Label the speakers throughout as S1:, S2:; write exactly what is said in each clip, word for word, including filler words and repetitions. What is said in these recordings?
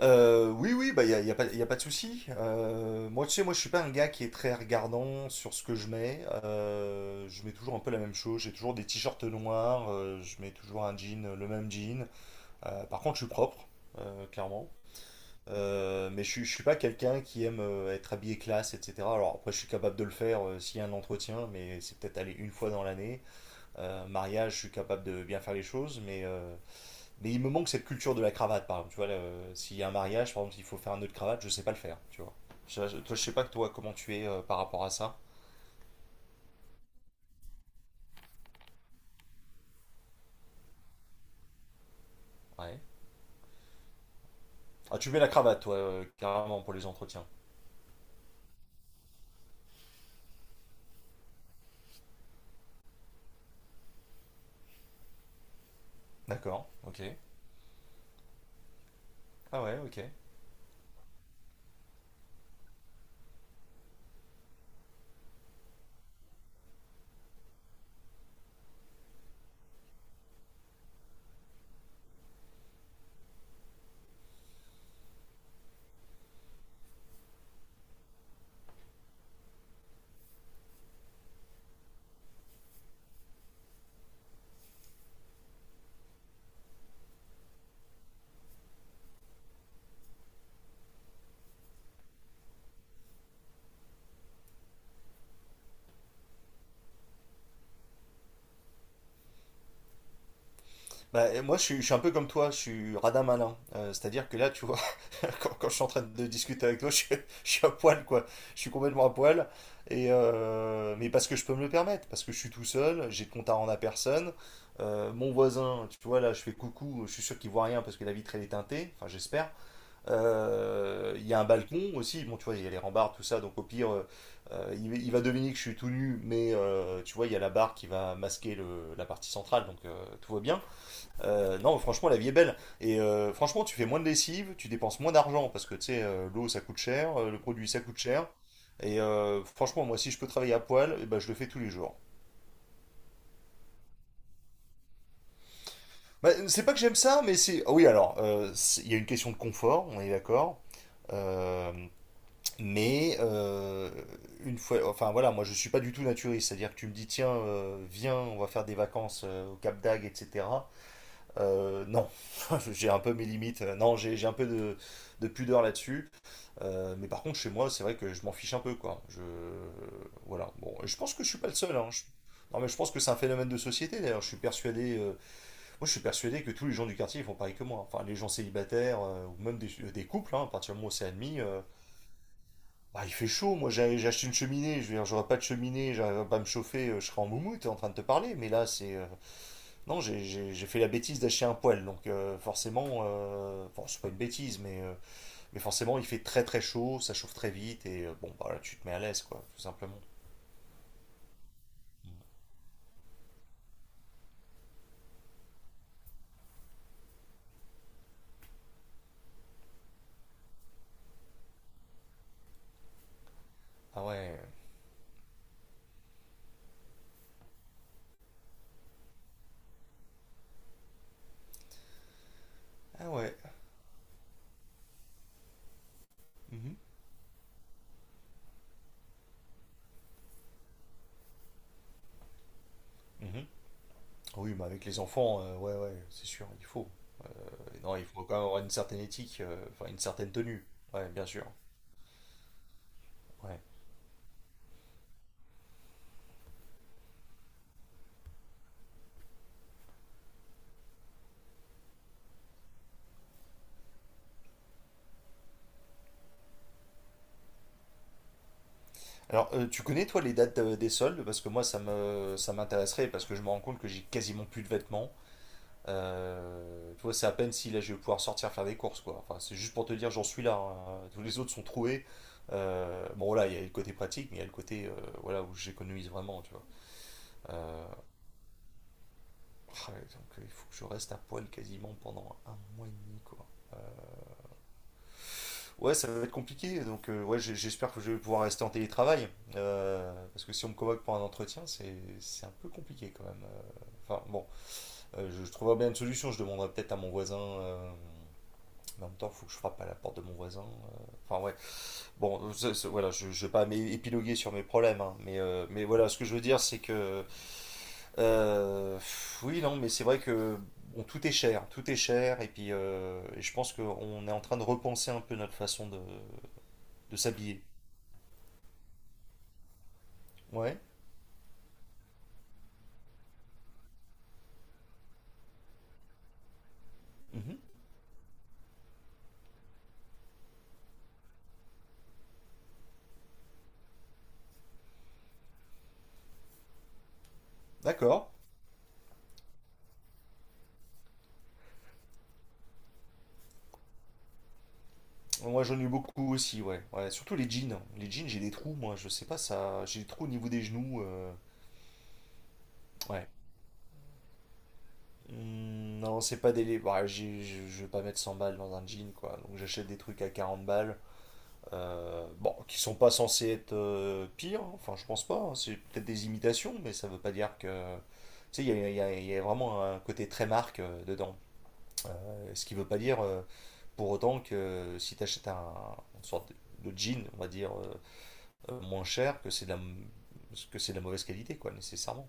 S1: Euh, oui, oui, bah, il n'y a, y a pas, y a pas de souci. Euh, moi, tu sais, moi, je suis pas un gars qui est très regardant sur ce que je mets. Euh, je mets toujours un peu la même chose. J'ai toujours des t-shirts noirs. Euh, je mets toujours un jean, euh, le même jean. Euh, par contre, je suis propre, euh, clairement. Euh, mais je, suis- je suis pas quelqu'un qui aime euh, être habillé classe, et cetera. Alors après, je suis capable de le faire euh, s'il y a un entretien, mais c'est peut-être aller une fois dans l'année. Euh, mariage, je suis capable de bien faire les choses, mais euh, mais il me manque cette culture de la cravate, par exemple. Tu vois, là, euh, s'il y a un mariage, par exemple, s'il faut faire un nœud de cravate, je sais pas le faire, tu vois. Je, je- toi, je sais pas, toi, comment tu es euh, par rapport à ça. Ouais. Ah, tu mets la cravate, toi, euh, carrément, pour les entretiens. D'accord, ok. Ah ouais, ok. Bah, et moi, je suis, je suis un peu comme toi, je suis radin malin. Euh, c'est-à-dire que là, tu vois, quand, quand je suis en train de discuter avec toi, je, suis je suis à poil, quoi. Je suis complètement à poil. Et euh, mais parce que je peux me le permettre, parce que je suis tout seul, j'ai de compte à rendre à personne. Euh, mon voisin, tu vois, là, je fais coucou, je suis sûr qu'il voit rien parce que la vitre, elle est teintée, enfin, j'espère. Euh, Il y a un balcon aussi, bon, tu vois, il y a les rambardes, tout ça, donc au pire, euh, euh, il, il va deviner que je suis tout nu, mais euh, tu vois, il y a la barre qui va masquer le- la partie centrale, donc euh, tout va bien. Euh, non, franchement, la vie est belle. Et euh, franchement, tu fais moins de lessive, tu dépenses moins d'argent parce que tu sais, euh, l'eau ça coûte cher, euh, le produit ça coûte cher. Et euh, franchement, moi, si je peux travailler à poil, eh ben, je le fais tous les jours. Bah, c'est pas que j'aime ça, mais c'est. Ah oui, alors, euh, c'est- il y a une question de confort, on est d'accord. Euh, mais euh, une fois, enfin voilà, moi je suis pas du tout naturiste, c'est-à-dire que tu me dis tiens, euh, viens, on va faire des vacances euh, au Cap d'Agde, et cetera. Euh, non, j'ai un peu mes limites. Non, j'ai j'ai un peu de, de pudeur là-dessus. Euh, mais par contre, chez moi, c'est vrai que je m'en fiche un peu, quoi. Je... Voilà. Bon, et je pense que je suis pas le seul, hein. Je- Non, mais je pense que c'est un phénomène de société, d'ailleurs. Je suis persuadé... euh, Moi, je suis persuadé que tous les gens du quartier, ils font pareil que moi. Enfin, les gens célibataires, euh, ou même des, euh, des couples, hein, à partir du moment où c'est admis... euh, Bah, il fait chaud, moi j'ai j'ai acheté une cheminée, je veux dire, j'aurais pas de cheminée, j'arrive pas à me chauffer, euh, je serais en moumoute en train de te parler, mais là c'est euh, non, j'ai- j'ai j'ai fait la bêtise d'acheter un poêle, donc euh, forcément, euh, bon, c'est pas une bêtise, mais, euh, mais forcément, il fait très très chaud, ça chauffe très vite, et euh, bon, bah là, tu te mets à l'aise, quoi, tout simplement. Ah ouais, ah ouais. Mhm. Mhm. Oui, mais avec les enfants, euh, ouais, ouais, c'est sûr, il faut. Euh, non, il faut quand même avoir une certaine éthique, euh, enfin une certaine tenue, ouais, bien sûr. Ouais. Alors, euh, tu connais toi les dates euh, des soldes? Parce que moi, ça me, ça m'intéresserait, parce que je me rends compte que j'ai quasiment plus de vêtements. Euh, tu vois, c'est à peine si là je vais pouvoir sortir faire des courses, quoi. Enfin, c'est juste pour te dire, j'en suis là, hein. Tous les autres sont troués. Euh, bon, là, il y a le côté pratique, mais il y a le côté euh, voilà, où j'économise vraiment, tu vois. Euh, ah, ouais, donc, euh, il faut que je reste à poil quasiment pendant un mois et demi, quoi. Ouais, ça va être compliqué. Donc, euh, ouais, j'ai- j'espère que je vais pouvoir rester en télétravail. Euh, parce que si on me convoque pour un entretien, c'est c'est un peu compliqué quand même. Euh. Enfin, bon, euh, je, je trouverai bien une solution. Je demanderai peut-être à mon voisin. Euh, en même temps, il faut que je frappe à la porte de mon voisin. Euh, Enfin, ouais. Bon, c'est- c'est- voilà, je, je vais pas m'é- épiloguer sur mes problèmes, hein, mais, euh, mais voilà, ce que je veux dire, c'est que. Euh, pff, oui, non, mais c'est vrai que. Bon, tout est cher, tout est cher, et puis euh, et je pense qu'on est en train de repenser un peu notre façon de, de s'habiller. Ouais, mhm, d'accord. Moi, j'en ai eu beaucoup aussi, ouais. Ouais, surtout les jeans. Les jeans, j'ai des trous, moi, je sais pas, ça. J'ai des trous au niveau des genoux. euh, ouais, Hmm, Non, c'est pas des. Bah, j'ai- je je vais pas mettre cent balles dans un jean, quoi. Donc j'achète des trucs à quarante balles. Euh, bon, qui sont pas censés être euh, pires, hein. Enfin, je pense pas, hein. C'est peut-être des imitations, mais ça veut pas dire que. Tu sais, il y a, il y a- il y a vraiment un côté très marque euh, dedans. Euh, ce qui veut pas dire euh, Pour autant que si t'achètes un, une sorte de jean, on va dire, euh, euh, moins cher, que c'est de la, m- que c'est de la mauvaise qualité, quoi, nécessairement.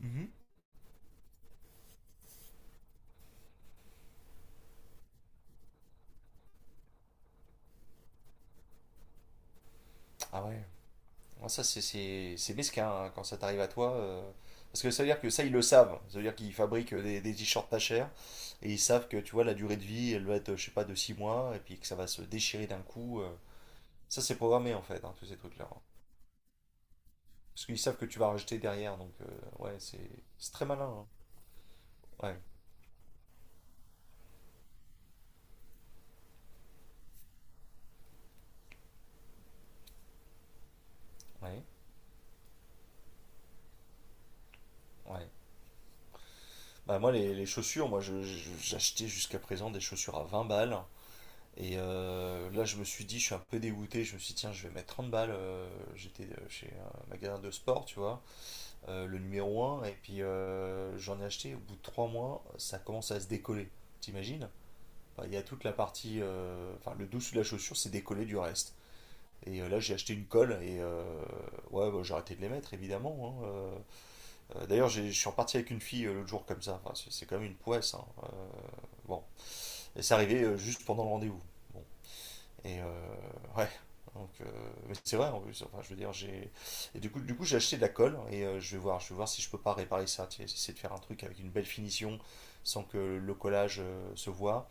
S1: Mhm. Ah ouais. Ah, ça, c'est c'est- c'est mesquin hein, quand ça t'arrive à toi. euh, Parce que ça veut dire que ça, ils le savent. Ça veut dire qu'ils fabriquent des, des t-shirts pas chers et ils savent que, tu vois, la durée de vie, elle va être, je sais pas, de six mois et puis que ça va se déchirer d'un coup. Euh. Ça, c'est programmé en fait, hein, tous ces trucs-là, hein. Parce qu'ils savent que tu vas racheter derrière. Donc, euh, ouais, c'est c'est très malin, hein. Ouais, ouais, ouais. Bah, moi, les, les chaussures, moi, je- je- j'achetais jusqu'à présent des chaussures à vingt balles. Et euh, là, je me suis dit, je suis un peu dégoûté. Je me suis dit, tiens, je vais mettre trente balles. euh, J'étais euh, chez un magasin de sport, tu vois, euh, le numéro un. Et puis, euh, j'en ai acheté. Au bout de trois mois, ça commence à se décoller. T'imagines? Enfin, il y a toute la partie. Euh, Enfin, le dessous de la chaussure, c'est décollé du reste. Et euh, là, j'ai acheté une colle. Et euh, ouais, bah, j'ai arrêté de les mettre, évidemment, hein. euh. Euh, d'ailleurs, j'ai- je suis reparti avec une fille euh, l'autre jour, comme ça. Enfin, c'est c'est quand même une poisse, hein, euh, bon. Et c'est arrivé euh, juste pendant le rendez-vous. Bon, et euh, ouais. Donc, euh, mais c'est vrai en plus. Enfin, je veux dire, j'ai. Et du coup, du coup, j'ai acheté de la colle et euh, je vais voir, je vais voir si je peux pas réparer ça. Tu sais, essayer de faire un truc avec une belle finition sans que le collage euh, se voit.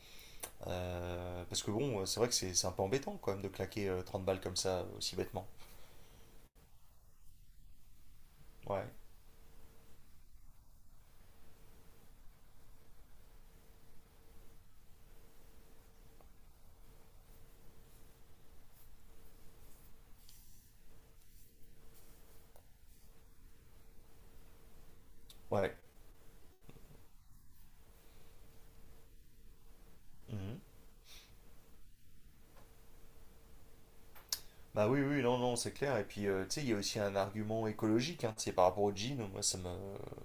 S1: Euh, parce que bon, c'est vrai que c'est c'est un peu embêtant quand même de claquer euh, trente balles comme ça aussi bêtement. Ouais, ouais. Mhm. Bah oui, oui, non, non, c'est clair. Et puis, euh, tu sais, il y a aussi un argument écologique, hein. C'est par rapport au jean, moi, ça me,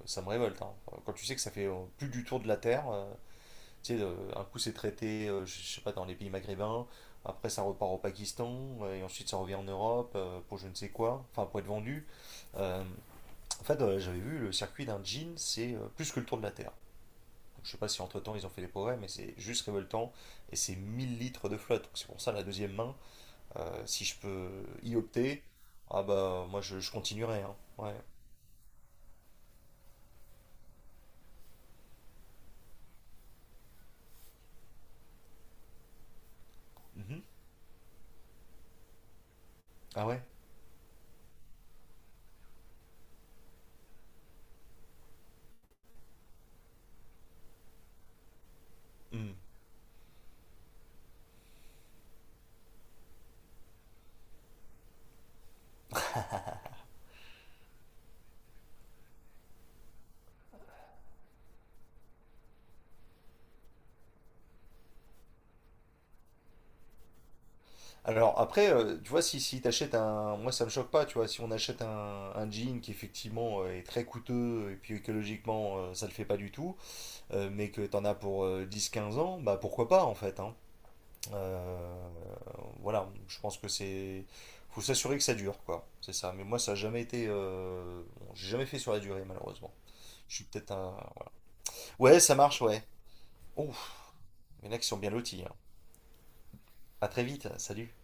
S1: ça me révolte, hein. Quand tu sais que ça fait euh, plus du tour de la Terre. euh, Tu sais, euh, un coup c'est traité, euh, je je sais pas, dans les pays maghrébins, après ça repart au Pakistan, euh, et ensuite ça revient en Europe euh, pour je ne sais quoi, enfin pour être vendu. Euh, en fait, euh, J'avais vu le circuit d'un jean, c'est euh, plus que le tour de la Terre. Donc, je sais pas si entre-temps ils ont fait des progrès, mais c'est juste révoltant, et c'est mille litres de flotte. Donc, c'est pour ça la deuxième main, euh, si je peux y opter, ah bah moi je, je continuerai, hein. Ouais. Mhm. Ah ouais? Hmm. Alors après, euh, tu vois, si, si t'achètes un... Moi, ça me choque pas, tu vois, si on achète un, un jean qui effectivement euh, est très coûteux et puis écologiquement, euh, ça le fait pas du tout, euh, mais que t'en as pour euh, dix quinze ans, bah pourquoi pas en fait, hein. Euh, voilà, je pense que c'est... Faut s'assurer que ça dure, quoi. C'est ça. Mais moi, ça a jamais été... euh, Bon, j'ai jamais fait sur la durée, malheureusement. Je suis peut-être un... Ouais, ça marche, ouais. Ouf, il y en a qui sont bien lotis, hein. À très vite, salut.